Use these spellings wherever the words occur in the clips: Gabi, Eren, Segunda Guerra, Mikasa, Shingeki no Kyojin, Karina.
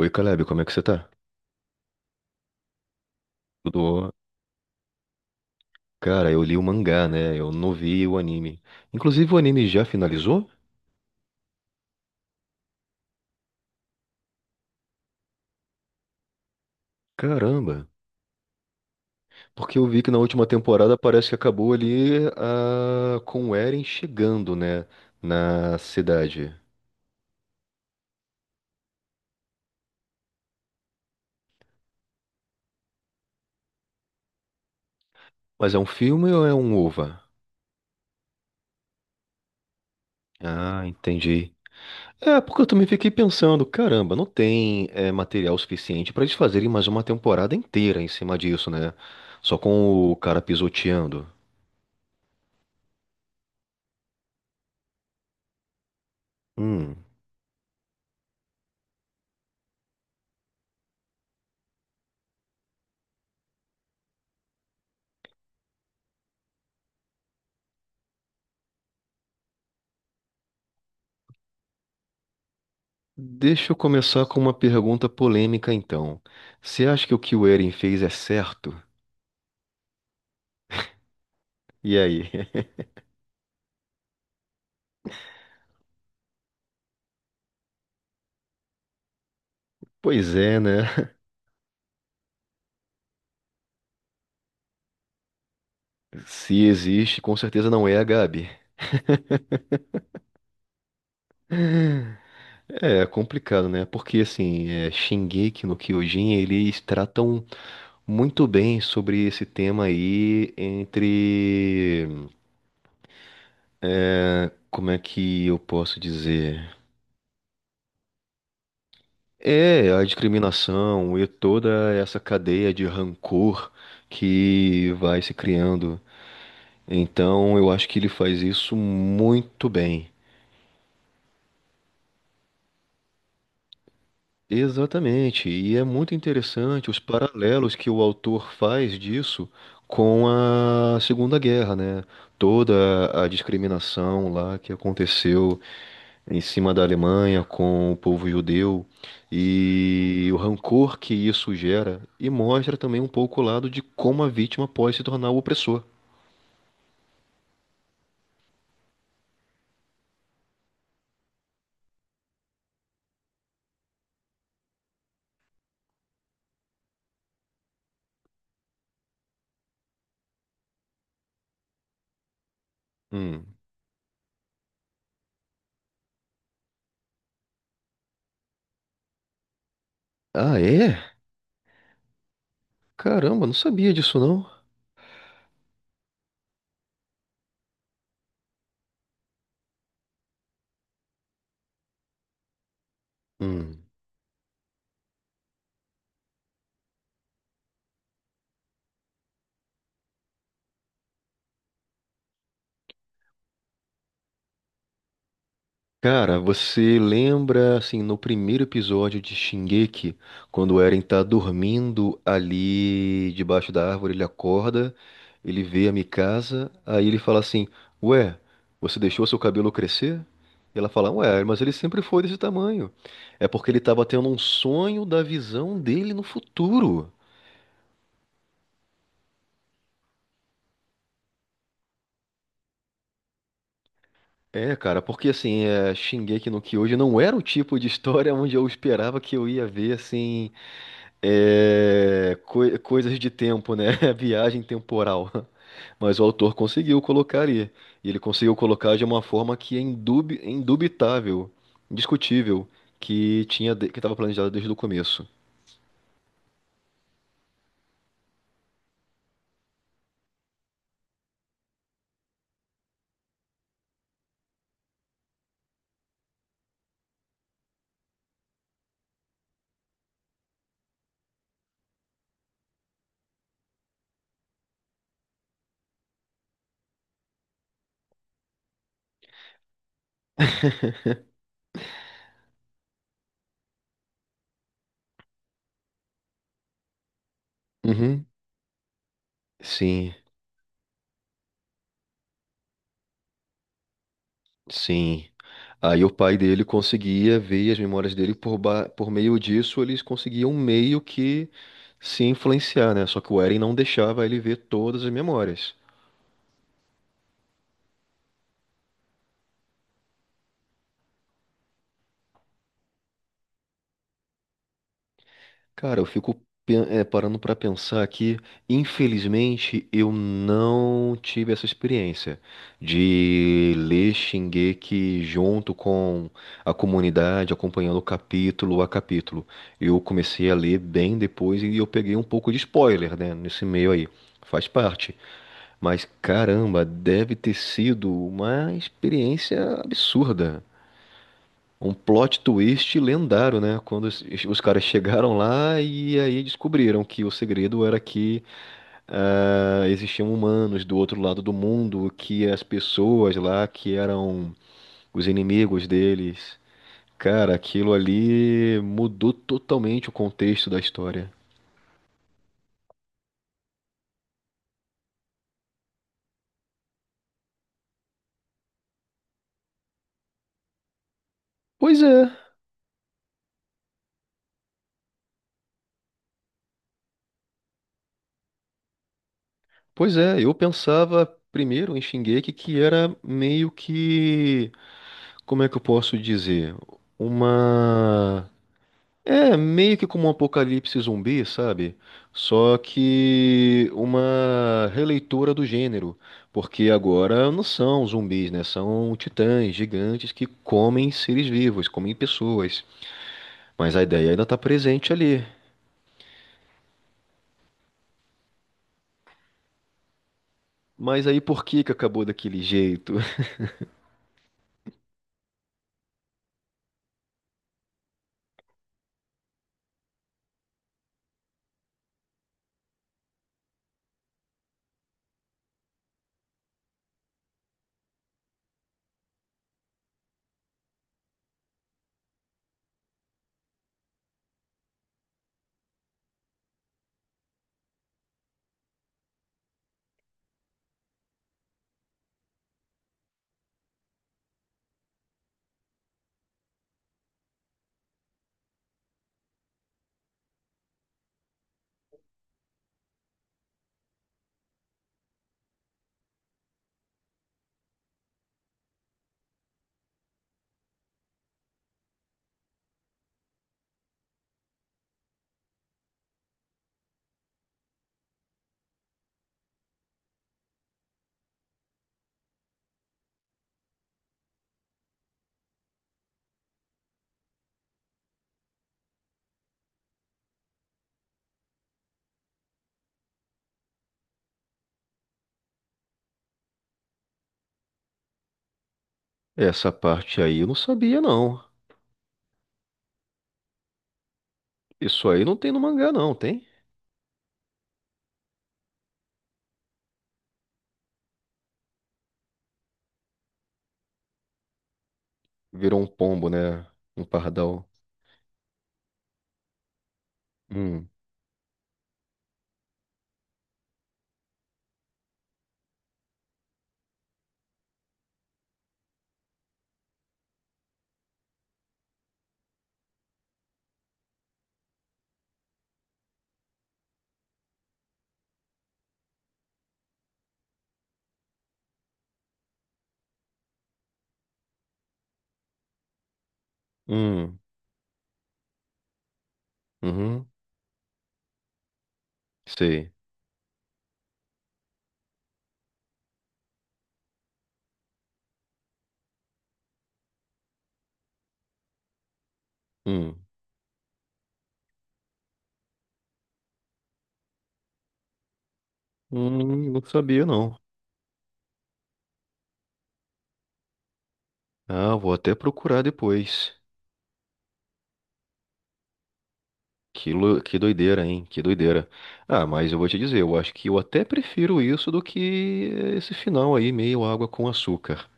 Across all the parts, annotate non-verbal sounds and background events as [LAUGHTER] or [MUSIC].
Oi, Caleb, como é que você tá? Tudo... Cara, eu li o mangá, né? Eu não vi o anime. Inclusive, o anime já finalizou? Caramba! Porque eu vi que na última temporada parece que acabou ali com o Eren chegando, né? Na cidade. Mas é um filme ou é um OVA? Ah, entendi. É, porque eu também fiquei pensando, caramba, não tem material suficiente pra eles fazerem mais uma temporada inteira em cima disso, né? Só com o cara pisoteando. Hum. Deixa eu começar com uma pergunta polêmica, então. Você acha que o Eren fez é certo? E aí? [LAUGHS] Pois é, né? Se existe, com certeza não é a Gabi. É é, complicado, né? Porque assim, é, Shingeki no Kyojin, eles tratam muito bem sobre esse tema aí entre, como é que eu posso dizer? É, a discriminação e toda essa cadeia de rancor que vai se criando. Então, eu acho que ele faz isso muito bem. Exatamente, e é muito interessante os paralelos que o autor faz disso com a Segunda Guerra, né? Toda a discriminação lá que aconteceu em cima da Alemanha com o povo judeu e o rancor que isso gera, e mostra também um pouco o lado de como a vítima pode se tornar o opressor. Hum. Ah, é? Caramba, não sabia disso não. Hum. Cara, você lembra, assim, no primeiro episódio de Shingeki, quando o Eren tá dormindo ali debaixo da árvore, ele acorda, ele vê a Mikasa, aí ele fala assim, Ué, você deixou seu cabelo crescer? E ela fala, Ué, mas ele sempre foi desse tamanho. É porque ele tava tendo um sonho da visão dele no futuro. É, cara, porque assim, é, Shingeki no Kyojin não era o tipo de história onde eu esperava que eu ia ver, assim. É, coisas de tempo, né? [LAUGHS] Viagem temporal. Mas o autor conseguiu colocar ali. E ele conseguiu colocar de uma forma que é indubitável, indiscutível, que tinha que estava planejado desde o começo. [LAUGHS] Uhum. Sim, sim. Aí o pai dele conseguia ver as memórias dele por, por meio disso, eles conseguiam um meio que se influenciar, né? Só que o Eren não deixava ele ver todas as memórias. Cara, eu fico parando pra pensar que, infelizmente, eu não tive essa experiência de ler Shingeki junto com a comunidade, acompanhando capítulo a capítulo. Eu comecei a ler bem depois e eu peguei um pouco de spoiler, né, nesse meio aí. Faz parte. Mas caramba, deve ter sido uma experiência absurda. Um plot twist lendário, né? Quando os caras chegaram lá e aí descobriram que o segredo era que existiam humanos do outro lado do mundo, que as pessoas lá que eram os inimigos deles. Cara, aquilo ali mudou totalmente o contexto da história. Pois é, pois é. Eu pensava primeiro em Shingeki que era meio que, como é que eu posso dizer? Uma... É meio que como um apocalipse zumbi, sabe? Só que uma releitura do gênero, porque agora não são zumbis, né? São titãs gigantes que comem seres vivos, comem pessoas. Mas a ideia ainda tá presente ali. Mas aí por que que acabou daquele jeito? [LAUGHS] Essa parte aí eu não sabia, não. Isso aí não tem no mangá, não, tem? Virou um pombo, né? Um pardal. Hum, hum, uhum, sei. Hum, não sabia, não. Ah, vou até procurar depois. Que, que doideira, hein? Que doideira. Ah, mas eu vou te dizer, eu acho que eu até prefiro isso do que esse final aí, meio água com açúcar.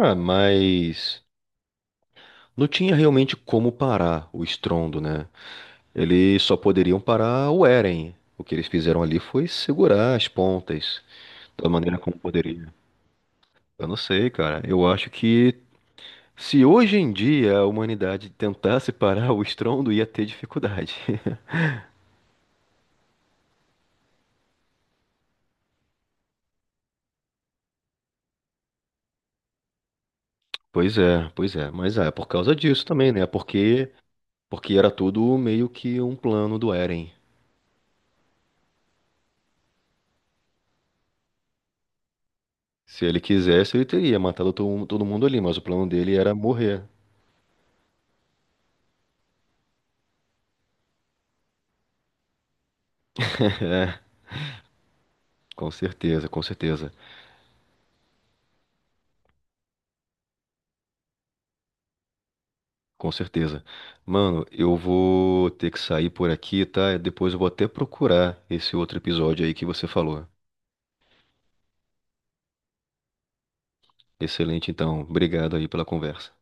Ah, mas não tinha realmente como parar o estrondo, né? Eles só poderiam parar o Eren. O que eles fizeram ali foi segurar as pontas da maneira como poderia. Eu não sei, cara. Eu acho que se hoje em dia a humanidade tentasse [LAUGHS] parar o estrondo, ia ter dificuldade. Pois é, pois é. Mas é por causa disso também, né? Porque era tudo meio que um plano do Eren. Se ele quisesse, ele teria matado todo mundo ali, mas o plano dele era morrer. [LAUGHS] É, com certeza, com certeza, com certeza. Mano, eu vou ter que sair por aqui, tá? Depois eu vou até procurar esse outro episódio aí que você falou. Excelente, então. Obrigado aí pela conversa.